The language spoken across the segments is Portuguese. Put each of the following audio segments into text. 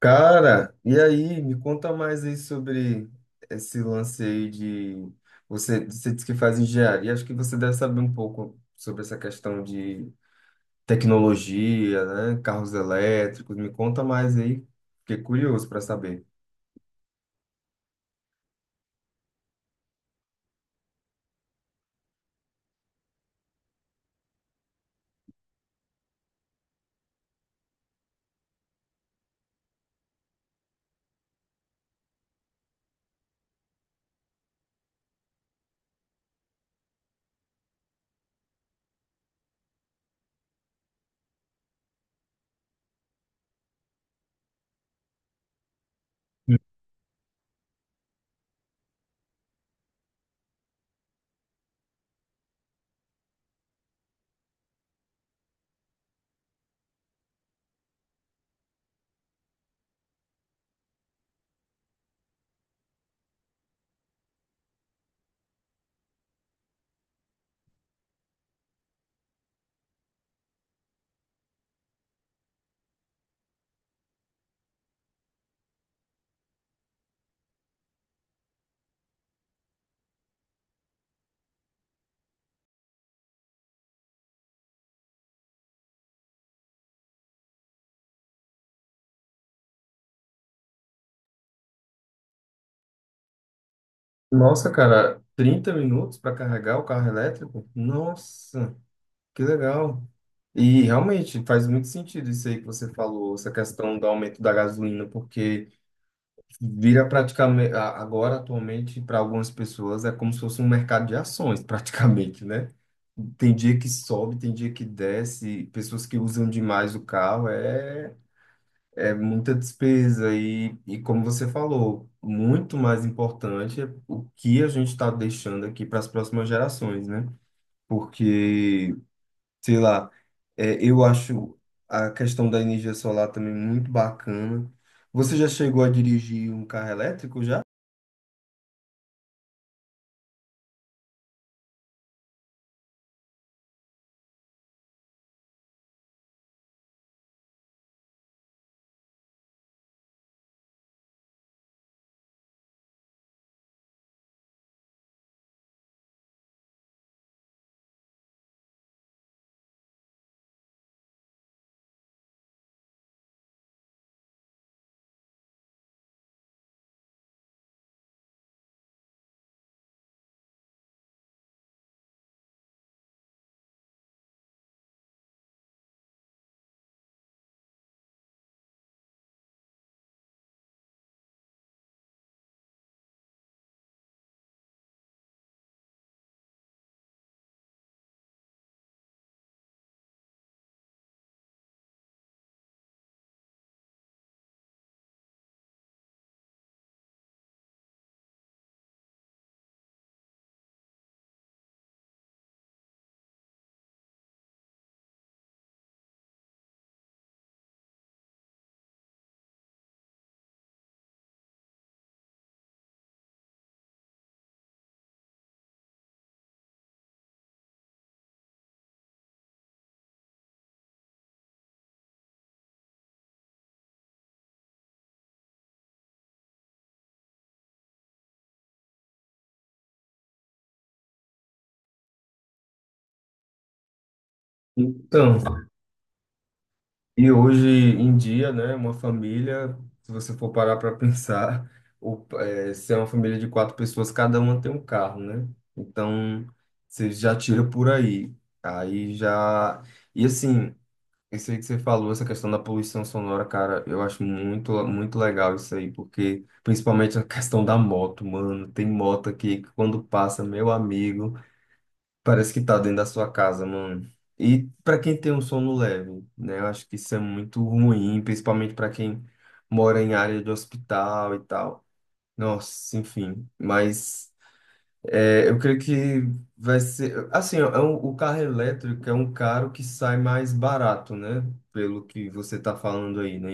Cara, e aí, me conta mais aí sobre esse lance aí de você disse que faz engenharia, acho que você deve saber um pouco sobre essa questão de tecnologia, né? Carros elétricos. Me conta mais aí, fiquei curioso para saber. Nossa, cara, 30 minutos para carregar o carro elétrico? Nossa, que legal. E realmente faz muito sentido isso aí que você falou, essa questão do aumento da gasolina. Vira praticamente, agora atualmente, para algumas pessoas, é como se fosse um mercado de ações, praticamente, né? Tem dia que sobe, tem dia que desce, pessoas que usam demais o carro, é é muita despesa. E como você falou, muito mais importante é o que a gente está deixando aqui para as próximas gerações, né? Porque, sei lá, eu acho a questão da energia solar também muito bacana. Você já chegou a dirigir um carro elétrico já? Então, e hoje em dia, né, uma família, se você for parar para pensar, o, é, se é uma família de 4 pessoas, cada uma tem um carro, né? Então, você já tira por aí. Aí já. E assim, isso aí que você falou, essa questão da poluição sonora, cara, eu acho muito, muito legal isso aí, porque principalmente a questão da moto, mano. Tem moto aqui que quando passa, meu amigo. Parece que tá dentro da sua casa, mano. E pra quem tem um sono leve, né? Eu acho que isso é muito ruim, principalmente pra quem mora em área de hospital e tal. Nossa, enfim. Mas eu creio que vai ser. Assim, ó, o carro elétrico é um carro que sai mais barato, né? Pelo que você tá falando aí, né?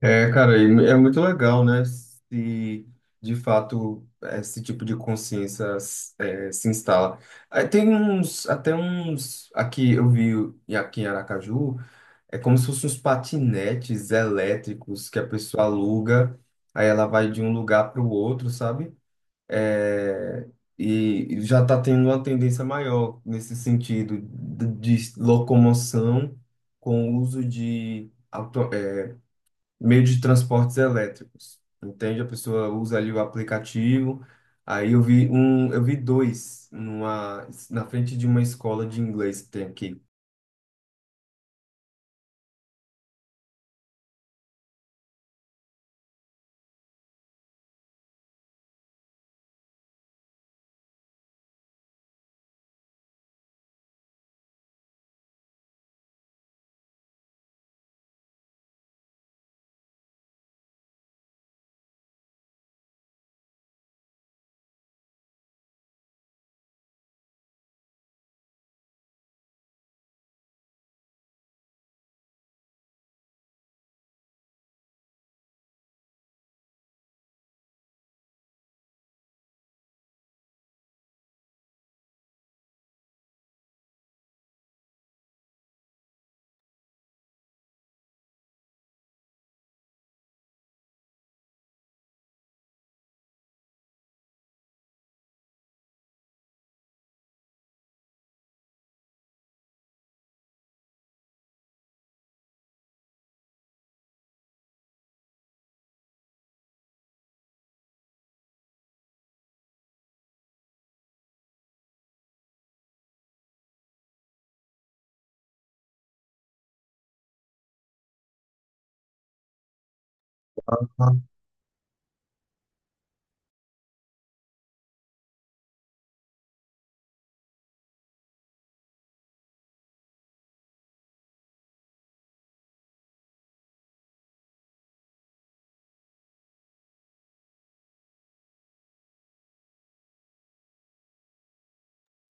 É, cara, e é muito legal, né? Se de fato esse tipo de consciência se instala. Aí tem uns, até uns, aqui eu vi e aqui em Aracaju, é como se fossem uns patinetes elétricos que a pessoa aluga, aí ela vai de um lugar para o outro, sabe? É, e já está tendo uma tendência maior nesse sentido de locomoção com o uso de auto, é, meio de transportes elétricos. Entende? A pessoa usa ali o aplicativo. Aí eu vi um, eu vi dois numa, na frente de uma escola de inglês que tem aqui.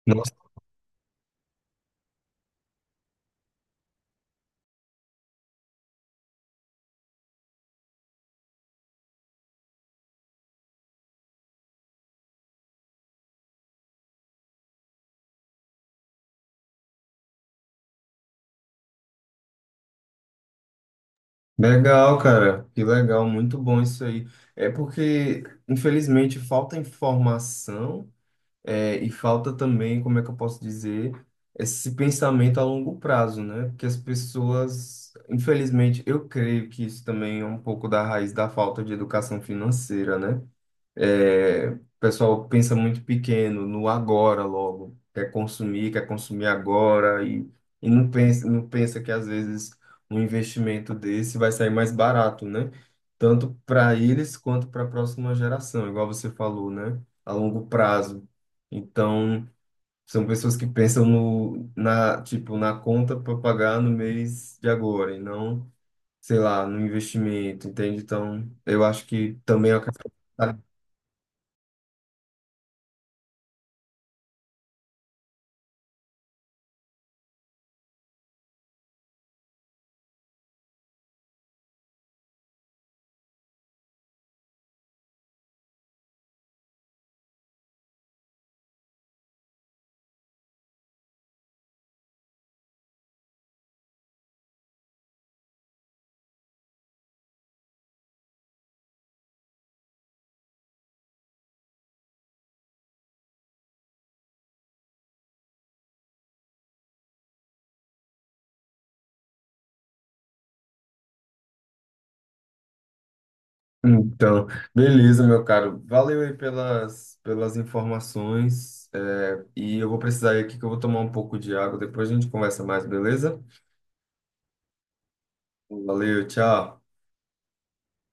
Nossa, legal, cara. Que legal, muito bom isso aí. É porque, infelizmente, falta informação, é, e falta também, como é que eu posso dizer, esse pensamento a longo prazo, né? Porque as pessoas, infelizmente, eu creio que isso também é um pouco da raiz da falta de educação financeira, né? É, o pessoal pensa muito pequeno, no agora logo. Quer consumir agora e não pensa que às vezes um investimento desse vai sair mais barato, né? Tanto para eles quanto para a próxima geração, igual você falou, né? A longo prazo. Então, são pessoas que pensam no, na, tipo, na conta para pagar no mês de agora e não, sei lá, no investimento, entende? Então, eu acho que também é uma. Então, beleza, meu caro. Valeu aí pelas, pelas informações. É, e eu vou precisar ir aqui que eu vou tomar um pouco de água. Depois a gente conversa mais, beleza? Valeu, tchau.